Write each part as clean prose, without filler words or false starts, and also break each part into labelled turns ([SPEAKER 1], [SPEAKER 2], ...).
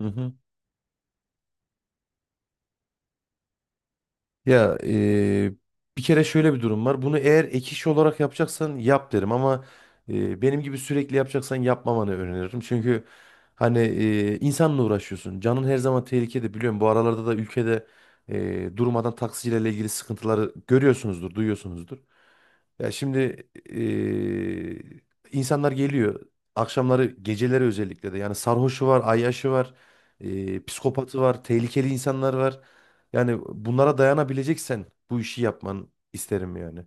[SPEAKER 1] Hı hı. Ya eee, Bir kere şöyle bir durum var. Bunu eğer ek iş olarak yapacaksan yap derim ama benim gibi sürekli yapacaksan yapmamanı öneririm. Çünkü insanla uğraşıyorsun. Canın her zaman tehlikede biliyorum. Bu aralarda da ülkede durmadan taksicilerle ilgili sıkıntıları görüyorsunuzdur, duyuyorsunuzdur. Ya şimdi insanlar geliyor. Akşamları, geceleri özellikle de. Yani sarhoşu var, ayyaşı var, psikopatı var, tehlikeli insanlar var. Yani bunlara dayanabileceksen bu işi yapman isterim yani.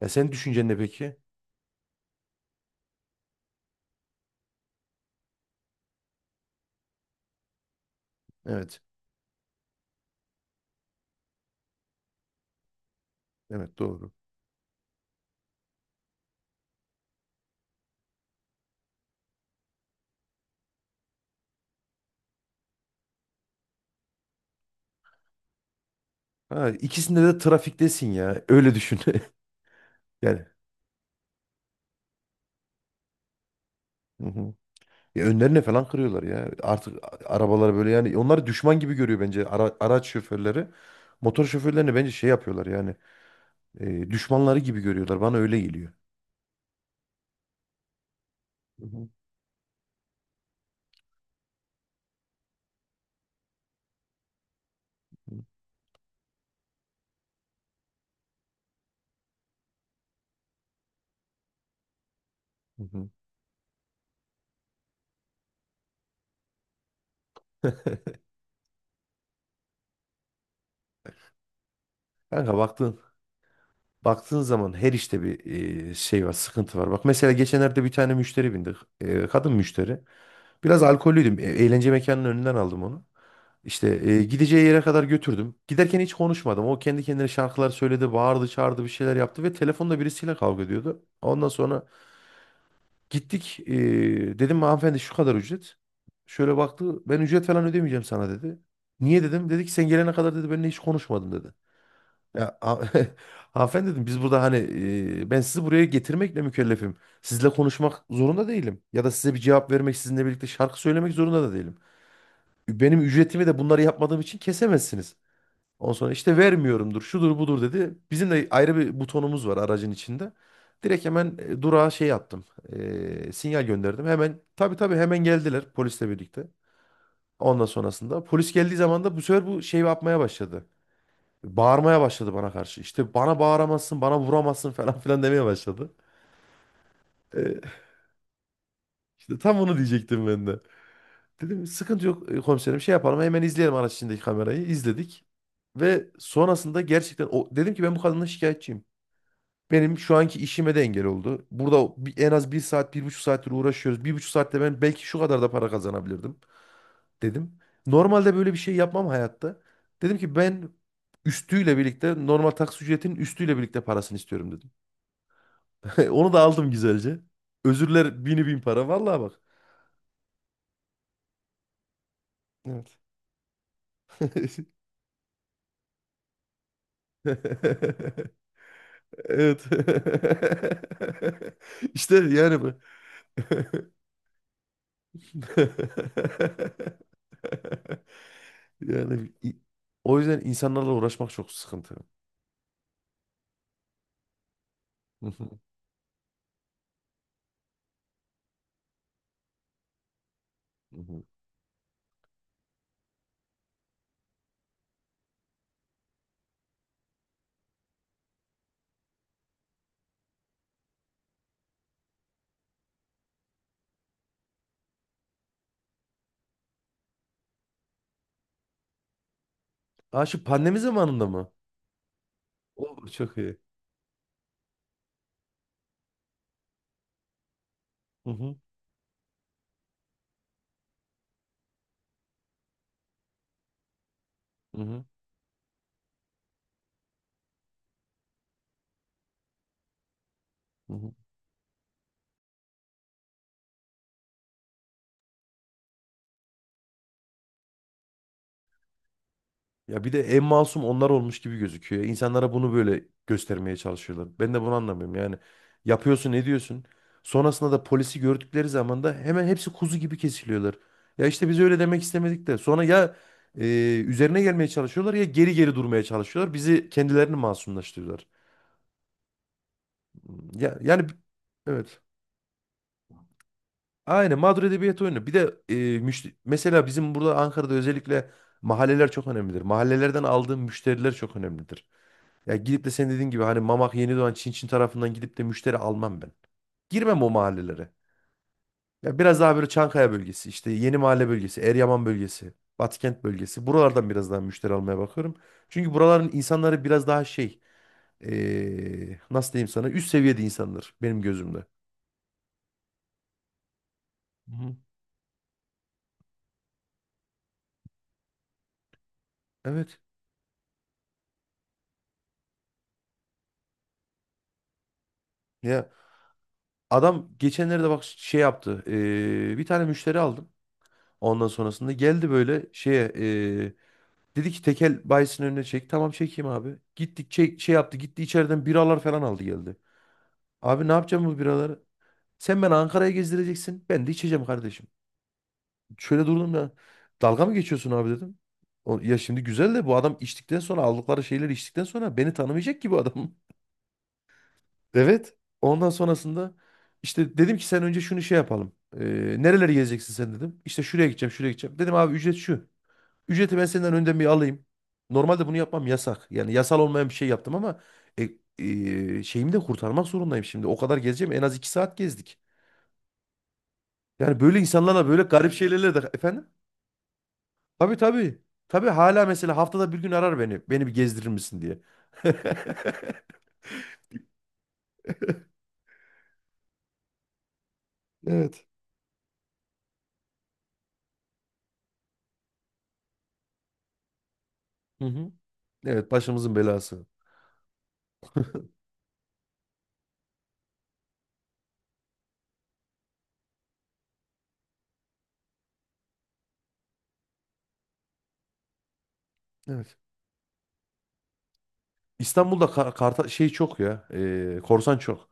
[SPEAKER 1] Ya senin düşüncen ne peki? Evet. Evet, doğru. Ha, ikisinde de trafiktesin ya. Öyle düşün. Yani. Hı hı. Ya önlerine falan kırıyorlar ya. Artık arabaları böyle, yani onlar düşman gibi görüyor bence araç şoförleri. Motor şoförlerini bence şey yapıyorlar yani. Düşmanları gibi görüyorlar. Bana öyle geliyor. Hı hı, hı hı. Kanka baktığın zaman her işte bir şey var, sıkıntı var. Bak mesela geçenlerde bir tane müşteri bindik. E, kadın müşteri. Biraz alkollüydüm. E, eğlence mekanının önünden aldım onu. İşte gideceği yere kadar götürdüm. Giderken hiç konuşmadım. O kendi kendine şarkılar söyledi, bağırdı, çağırdı, bir şeyler yaptı ve telefonda birisiyle kavga ediyordu. Ondan sonra gittik, dedim hanımefendi şu kadar ücret. Şöyle baktı, ben ücret falan ödemeyeceğim sana dedi. Niye dedim. Dedi ki sen gelene kadar dedi benimle hiç konuşmadın dedi. Ya ha- Hanımefendi dedim, biz burada hani ben sizi buraya getirmekle mükellefim. Sizle konuşmak zorunda değilim. Ya da size bir cevap vermek, sizinle birlikte şarkı söylemek zorunda da değilim. Benim ücretimi de bunları yapmadığım için kesemezsiniz. Ondan sonra işte vermiyorumdur, şudur budur dedi. Bizim de ayrı bir butonumuz var aracın içinde. Direkt hemen durağa şey yaptım. Sinyal gönderdim. Hemen tabii hemen geldiler polisle birlikte. Ondan sonrasında polis geldiği zaman da bu sefer bu şey yapmaya başladı. Bağırmaya başladı bana karşı. İşte bana bağıramazsın, bana vuramazsın falan filan demeye başladı. E, işte tam onu diyecektim ben de. Dedim sıkıntı yok, komiserim şey yapalım, hemen izleyelim araç içindeki kamerayı. İzledik. Ve sonrasında gerçekten o, dedim ki ben bu kadından şikayetçiyim. Benim şu anki işime de engel oldu. Burada en az bir saat, bir buçuk saattir uğraşıyoruz. Bir buçuk saatte ben belki şu kadar da para kazanabilirdim dedim. Normalde böyle bir şey yapmam hayatta. Dedim ki ben üstüyle birlikte normal taksi ücretinin üstüyle birlikte parasını istiyorum dedim. Onu da aldım güzelce. Özürler bini bin para. Vallahi bak. Evet. Evet. İşte yani bu. Yani i- O yüzden insanlarla uğraşmak çok sıkıntı. Hı hı, hı hı. Ha, şu pandemi zamanında mı? O çok iyi. Hı hı, hı hı, hı hı. Ya bir de en masum onlar olmuş gibi gözüküyor. İnsanlara bunu böyle göstermeye çalışıyorlar. Ben de bunu anlamıyorum. Yani yapıyorsun, ediyorsun. Sonrasında da polisi gördükleri zaman da hemen hepsi kuzu gibi kesiliyorlar. Ya işte biz öyle demek istemedik de. Sonra ya e, üzerine gelmeye çalışıyorlar, ya geri geri durmaya çalışıyorlar. Bizi kendilerini masumlaştırıyorlar. Ya yani evet. Aynen mağdur edebiyat oyunu. Bir de mesela bizim burada Ankara'da özellikle mahalleler çok önemlidir. Mahallelerden aldığım müşteriler çok önemlidir. Ya gidip de sen dediğin gibi hani Mamak Yenidoğan Çin Çin tarafından gidip de müşteri almam ben. Girmem o mahallelere. Ya biraz daha böyle Çankaya bölgesi, işte Yeni Mahalle bölgesi, Eryaman bölgesi, Batıkent bölgesi. Buralardan biraz daha müşteri almaya bakıyorum. Çünkü buraların insanları biraz daha şey, nasıl diyeyim sana, üst seviyede insanlar benim gözümde. Hı. Evet. Ya adam geçenlerde bak şey yaptı. Bir tane müşteri aldım. Ondan sonrasında geldi böyle şeye, dedi ki tekel bayisinin önüne çek. Tamam, çekeyim abi. Gittik, çek, şey yaptı. Gitti içeriden biralar falan aldı geldi. Abi, ne yapacağım bu biraları? Sen beni Ankara'ya gezdireceksin. Ben de içeceğim kardeşim. Şöyle durdum ya. Dalga mı geçiyorsun abi dedim. O, ya şimdi güzel de bu adam içtikten sonra, aldıkları şeyleri içtikten sonra beni tanımayacak ki bu adam. Evet. Ondan sonrasında işte dedim ki sen önce şunu şey yapalım. Nereleri gezeceksin sen dedim. İşte şuraya gideceğim, şuraya gideceğim. Dedim abi ücret şu. Ücreti ben senden önden bir alayım. Normalde bunu yapmam, yasak. Yani yasal olmayan bir şey yaptım ama e, şeyimi de kurtarmak zorundayım şimdi. O kadar gezeceğim. En az iki saat gezdik. Yani böyle insanlarla böyle garip şeylerle de efendim. Tabii. Tabii hala mesela haftada bir gün arar beni. Beni bir gezdirir misin diye. Evet. Hı hı. Evet, başımızın belası. Evet. İstanbul'da karta şey çok ya. Korsan çok.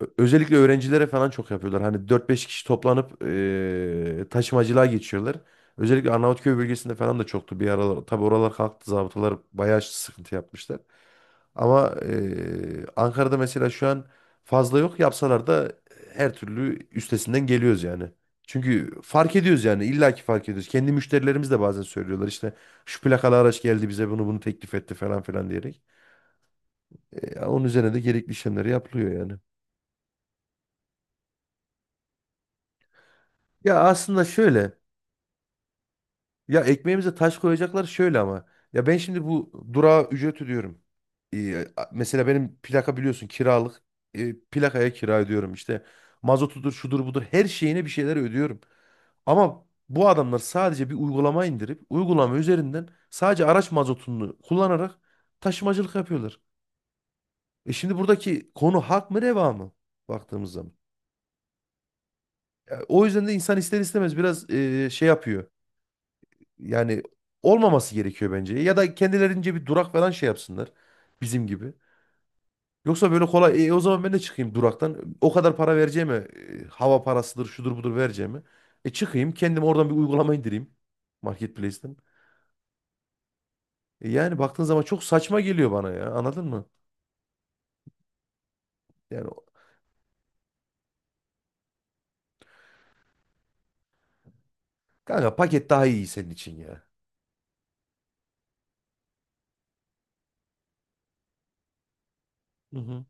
[SPEAKER 1] Özellikle öğrencilere falan çok yapıyorlar. Hani dört beş kişi toplanıp taşımacılığa geçiyorlar. Özellikle Arnavutköy bölgesinde falan da çoktu bir aralar. Tabii oralar kalktı. Zabıtalar bayağı sıkıntı yapmışlar. Ama Ankara'da mesela şu an fazla yok. Yapsalar da her türlü üstesinden geliyoruz yani. Çünkü fark ediyoruz yani. İllaki fark ediyoruz. Kendi müşterilerimiz de bazen söylüyorlar işte şu plakalı araç geldi bize, bunu bunu teklif etti falan filan diyerek. Ya onun üzerine de gerekli işlemleri yapılıyor yani. Ya aslında şöyle. Ya ekmeğimize taş koyacaklar şöyle ama. Ya ben şimdi bu durağa ücret ödüyorum. Mesela benim plaka biliyorsun kiralık. Plakaya kira ödüyorum işte. Mazotudur, şudur budur. Her şeyine bir şeyler ödüyorum. Ama bu adamlar sadece bir uygulama indirip uygulama üzerinden sadece araç mazotunu kullanarak taşımacılık yapıyorlar. E şimdi buradaki konu hak mı reva mı baktığımız zaman? Ya, o yüzden de insan ister istemez biraz şey yapıyor. Yani olmaması gerekiyor bence. Ya da kendilerince bir durak falan şey yapsınlar. Bizim gibi. Yoksa böyle kolay. "E, o zaman ben de çıkayım duraktan. O kadar para vereceğime, hava parasıdır, şudur budur vereceğime. E çıkayım kendim, oradan bir uygulama indireyim. Marketplace'ten. E, yani baktığın zaman çok saçma geliyor bana ya. Anladın mı? Yani o- Kanka paket daha iyi senin için ya. Hı hı,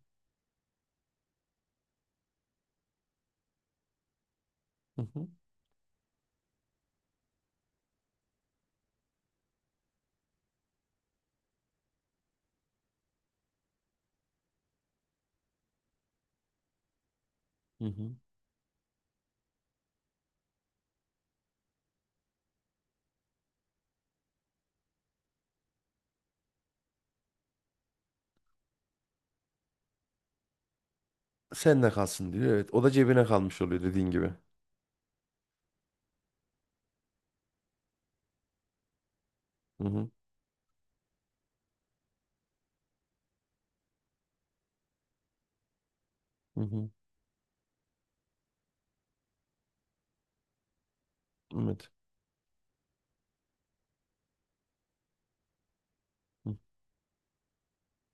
[SPEAKER 1] hı hı, hı hı. Sen de kalsın diyor. Evet. O da cebine kalmış oluyor dediğin gibi. Hı hı. Hı hı. Evet.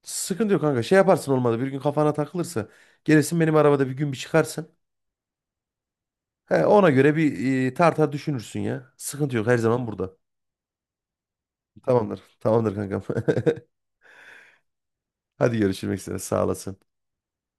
[SPEAKER 1] Sıkıntı yok kanka. Şey yaparsın olmadı. Bir gün kafana takılırsa gelirsin, benim arabada bir gün bir çıkarsın. He, ona göre bir tartar düşünürsün ya. Sıkıntı yok. Her zaman burada. Tamamdır. Tamamdır kankam. Hadi görüşmek üzere. Sağ olasın.